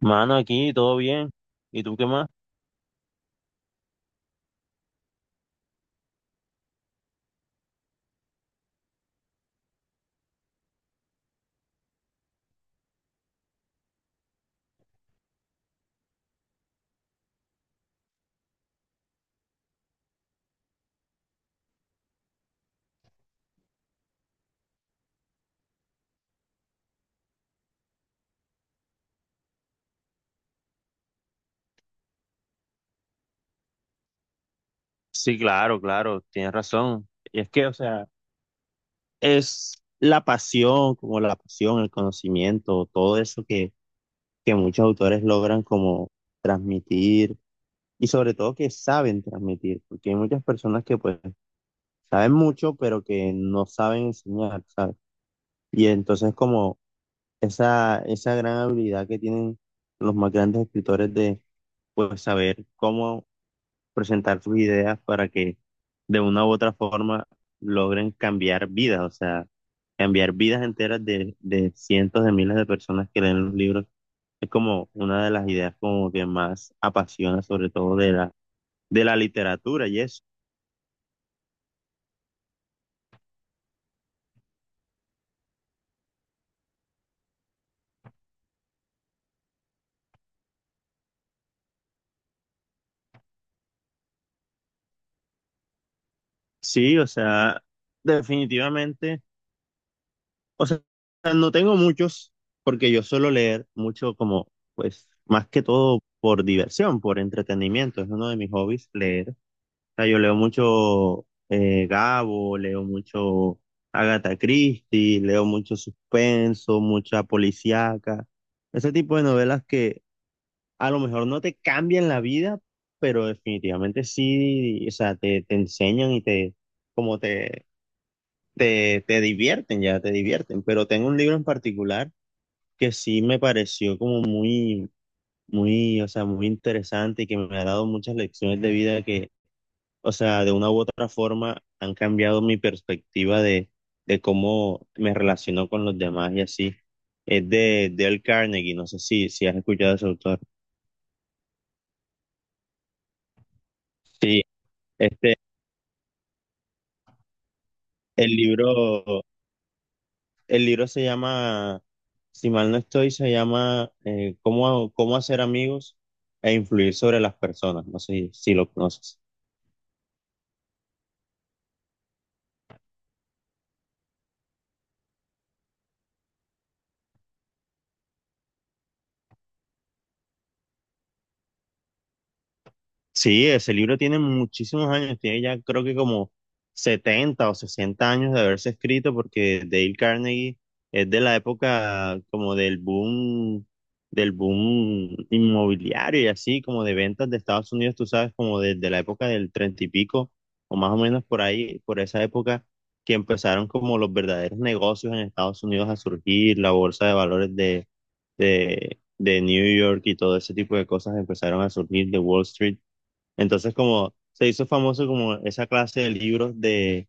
Mano, aquí todo bien. ¿Y tú qué más? Sí, claro, claro, tienes razón. Y es que, o sea, es la pasión, como la pasión, el conocimiento, todo eso que muchos autores logran como transmitir y sobre todo que saben transmitir, porque hay muchas personas que pues saben mucho, pero que no saben enseñar, ¿sabes? Y entonces como esa gran habilidad que tienen los más grandes escritores de pues saber cómo presentar sus ideas para que de una u otra forma logren cambiar vidas, o sea, cambiar vidas enteras de cientos de miles de personas que leen los libros. Es como una de las ideas como que más apasiona, sobre todo de la literatura y eso. Sí, o sea, definitivamente, o sea, no tengo muchos, porque yo suelo leer mucho como, pues, más que todo por diversión, por entretenimiento, es uno de mis hobbies, leer sea, yo leo mucho Gabo, leo mucho Agatha Christie, leo mucho suspenso, mucha policíaca, ese tipo de novelas que a lo mejor no te cambian la vida, pero definitivamente sí, o sea, te enseñan y te, como te divierten, ya te divierten. Pero tengo un libro en particular que sí me pareció como muy, muy, o sea, muy interesante y que me ha dado muchas lecciones de vida, o sea, de una u otra forma han cambiado mi perspectiva de cómo me relaciono con los demás y así. Es de Dale Carnegie, no sé si has escuchado a ese autor. Sí, este, el libro, el libro se llama, si mal no estoy, se llama ¿Cómo hacer amigos e influir sobre las personas? No sé si lo conoces. Sí, ese libro tiene muchísimos años, tiene ya creo que como 70 o 60 años de haberse escrito porque Dale Carnegie es de la época como del boom inmobiliario y así, como de ventas de Estados Unidos, tú sabes, como desde la época del 30 y pico o más o menos por ahí, por esa época que empezaron como los verdaderos negocios en Estados Unidos a surgir, la bolsa de valores de New York y todo ese tipo de cosas empezaron a surgir de Wall Street. Entonces, como se hizo famoso como esa clase de libros de,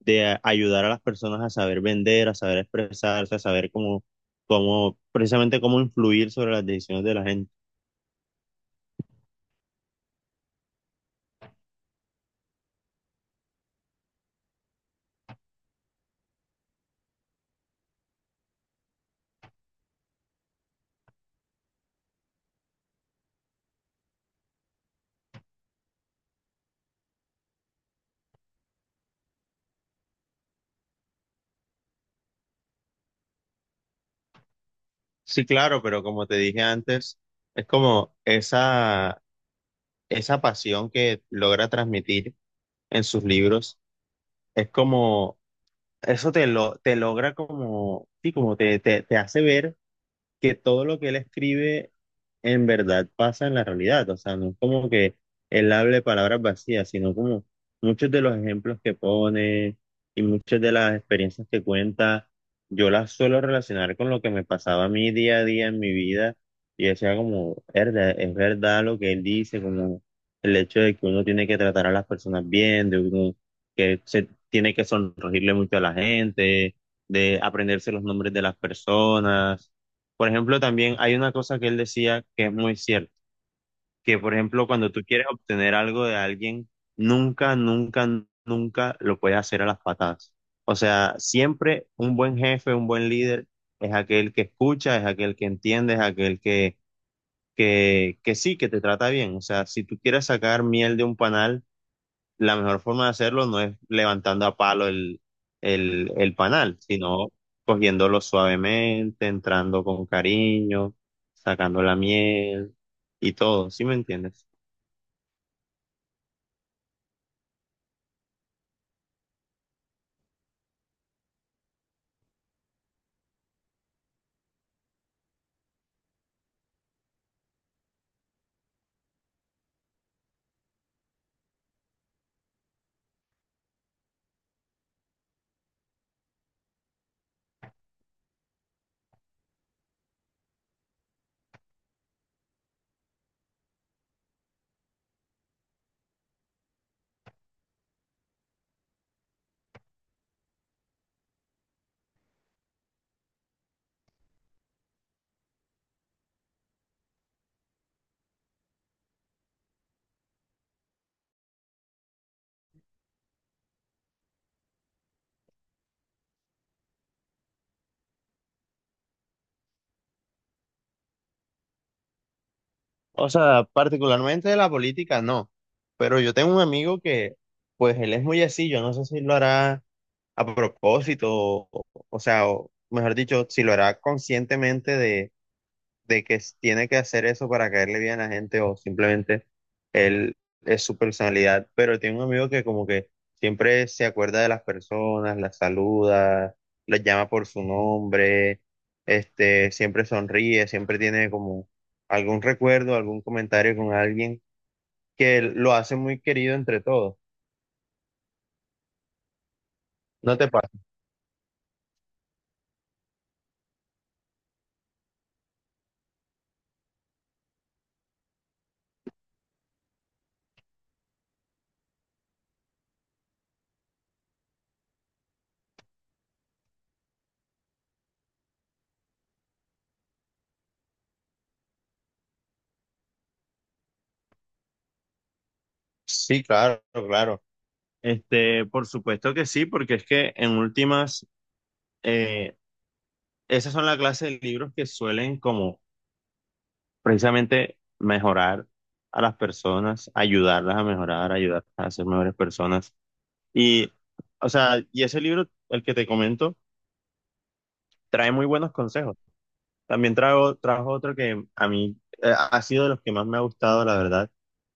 ayudar a las personas a saber vender, a saber expresarse, a saber precisamente cómo influir sobre las decisiones de la gente. Sí, claro, pero como te dije antes, es como esa pasión que logra transmitir en sus libros, es como, eso te lo, te logra como, sí, como te hace ver que todo lo que él escribe en verdad pasa en la realidad. O sea, no es como que él hable palabras vacías, sino como muchos de los ejemplos que pone y muchas de las experiencias que cuenta, yo las suelo relacionar con lo que me pasaba a mí día a día en mi vida y decía como, "Erda, es verdad lo que él dice", como el hecho de que uno tiene que tratar a las personas bien, de uno que se tiene que sonreírle mucho a la gente, de aprenderse los nombres de las personas. Por ejemplo, también hay una cosa que él decía que es muy cierta, que por ejemplo, cuando tú quieres obtener algo de alguien, nunca, nunca, nunca lo puedes hacer a las patadas. O sea, siempre un buen jefe, un buen líder es aquel que escucha, es aquel que entiende, es aquel que sí, que te trata bien. O sea, si tú quieres sacar miel de un panal, la mejor forma de hacerlo no es levantando a palo el panal, sino cogiéndolo suavemente, entrando con cariño, sacando la miel y todo, ¿sí me entiendes? O sea, particularmente de la política, no. Pero yo tengo un amigo que, pues él es muy así, yo no sé si lo hará a propósito, o, o sea, o, mejor dicho, si lo hará conscientemente de que tiene que hacer eso para caerle bien a la gente o simplemente él es su personalidad, pero tiene un amigo que como que siempre se acuerda de las personas, las saluda, las llama por su nombre, este, siempre sonríe, siempre tiene como algún recuerdo, algún comentario con alguien que lo hace muy querido entre todos. ¿No te pasa? Sí, claro, claro. Este, por supuesto que sí, porque es que en últimas, eh, esas son la clase de libros que suelen como precisamente mejorar a las personas, ayudarlas a mejorar, ayudarlas a ser mejores personas. Y, o sea, y ese libro, el que te comento, trae muy buenos consejos. También trajo otro que a mí ha sido de los que más me ha gustado, la verdad,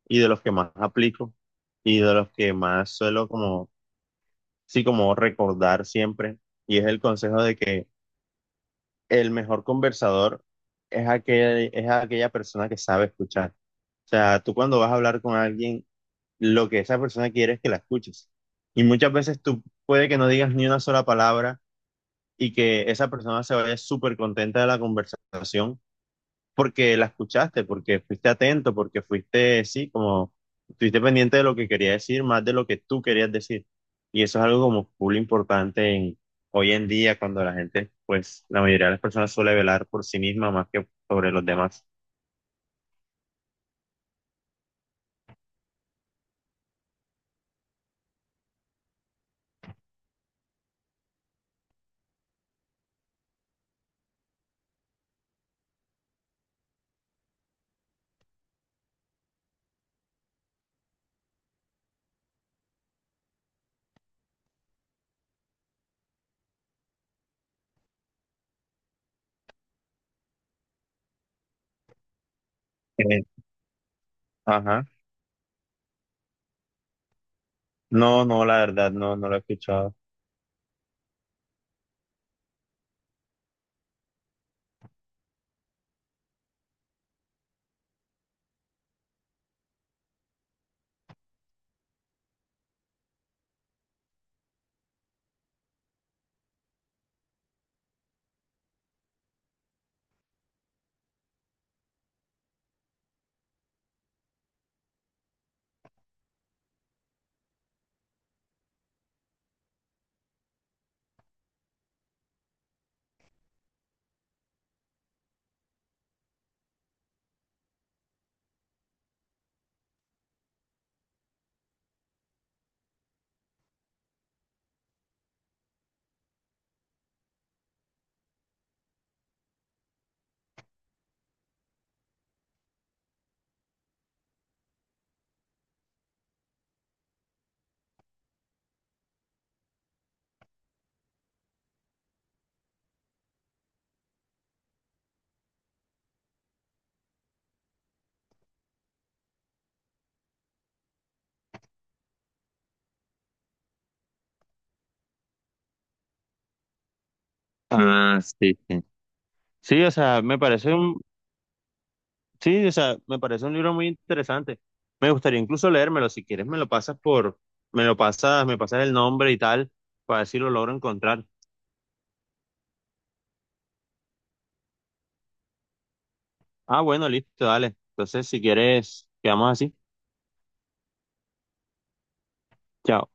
y de los que más aplico, y de los que más suelo como, sí, como recordar siempre, y es el consejo de que el mejor conversador es aquel, es aquella persona que sabe escuchar. O sea, tú cuando vas a hablar con alguien, lo que esa persona quiere es que la escuches. Y muchas veces tú puede que no digas ni una sola palabra y que esa persona se vaya súper contenta de la conversación porque la escuchaste, porque fuiste atento, porque fuiste, sí, como estuviste pendiente de lo que quería decir más de lo que tú querías decir. Y eso es algo como full importante en- hoy en día cuando la gente, pues la mayoría de las personas suele velar por sí misma más que sobre los demás. Eh, ajá. No, no, la verdad, no, no lo he escuchado. Ah, sí, sí. Sí, o sea, me parece un, sí, o sea, me parece un libro muy interesante. Me gustaría incluso leérmelo. Si quieres, me lo pasas por, me lo pasas, me pasas el nombre y tal, para ver si lo logro encontrar. Ah, bueno, listo, dale. Entonces, si quieres, quedamos así. Chao.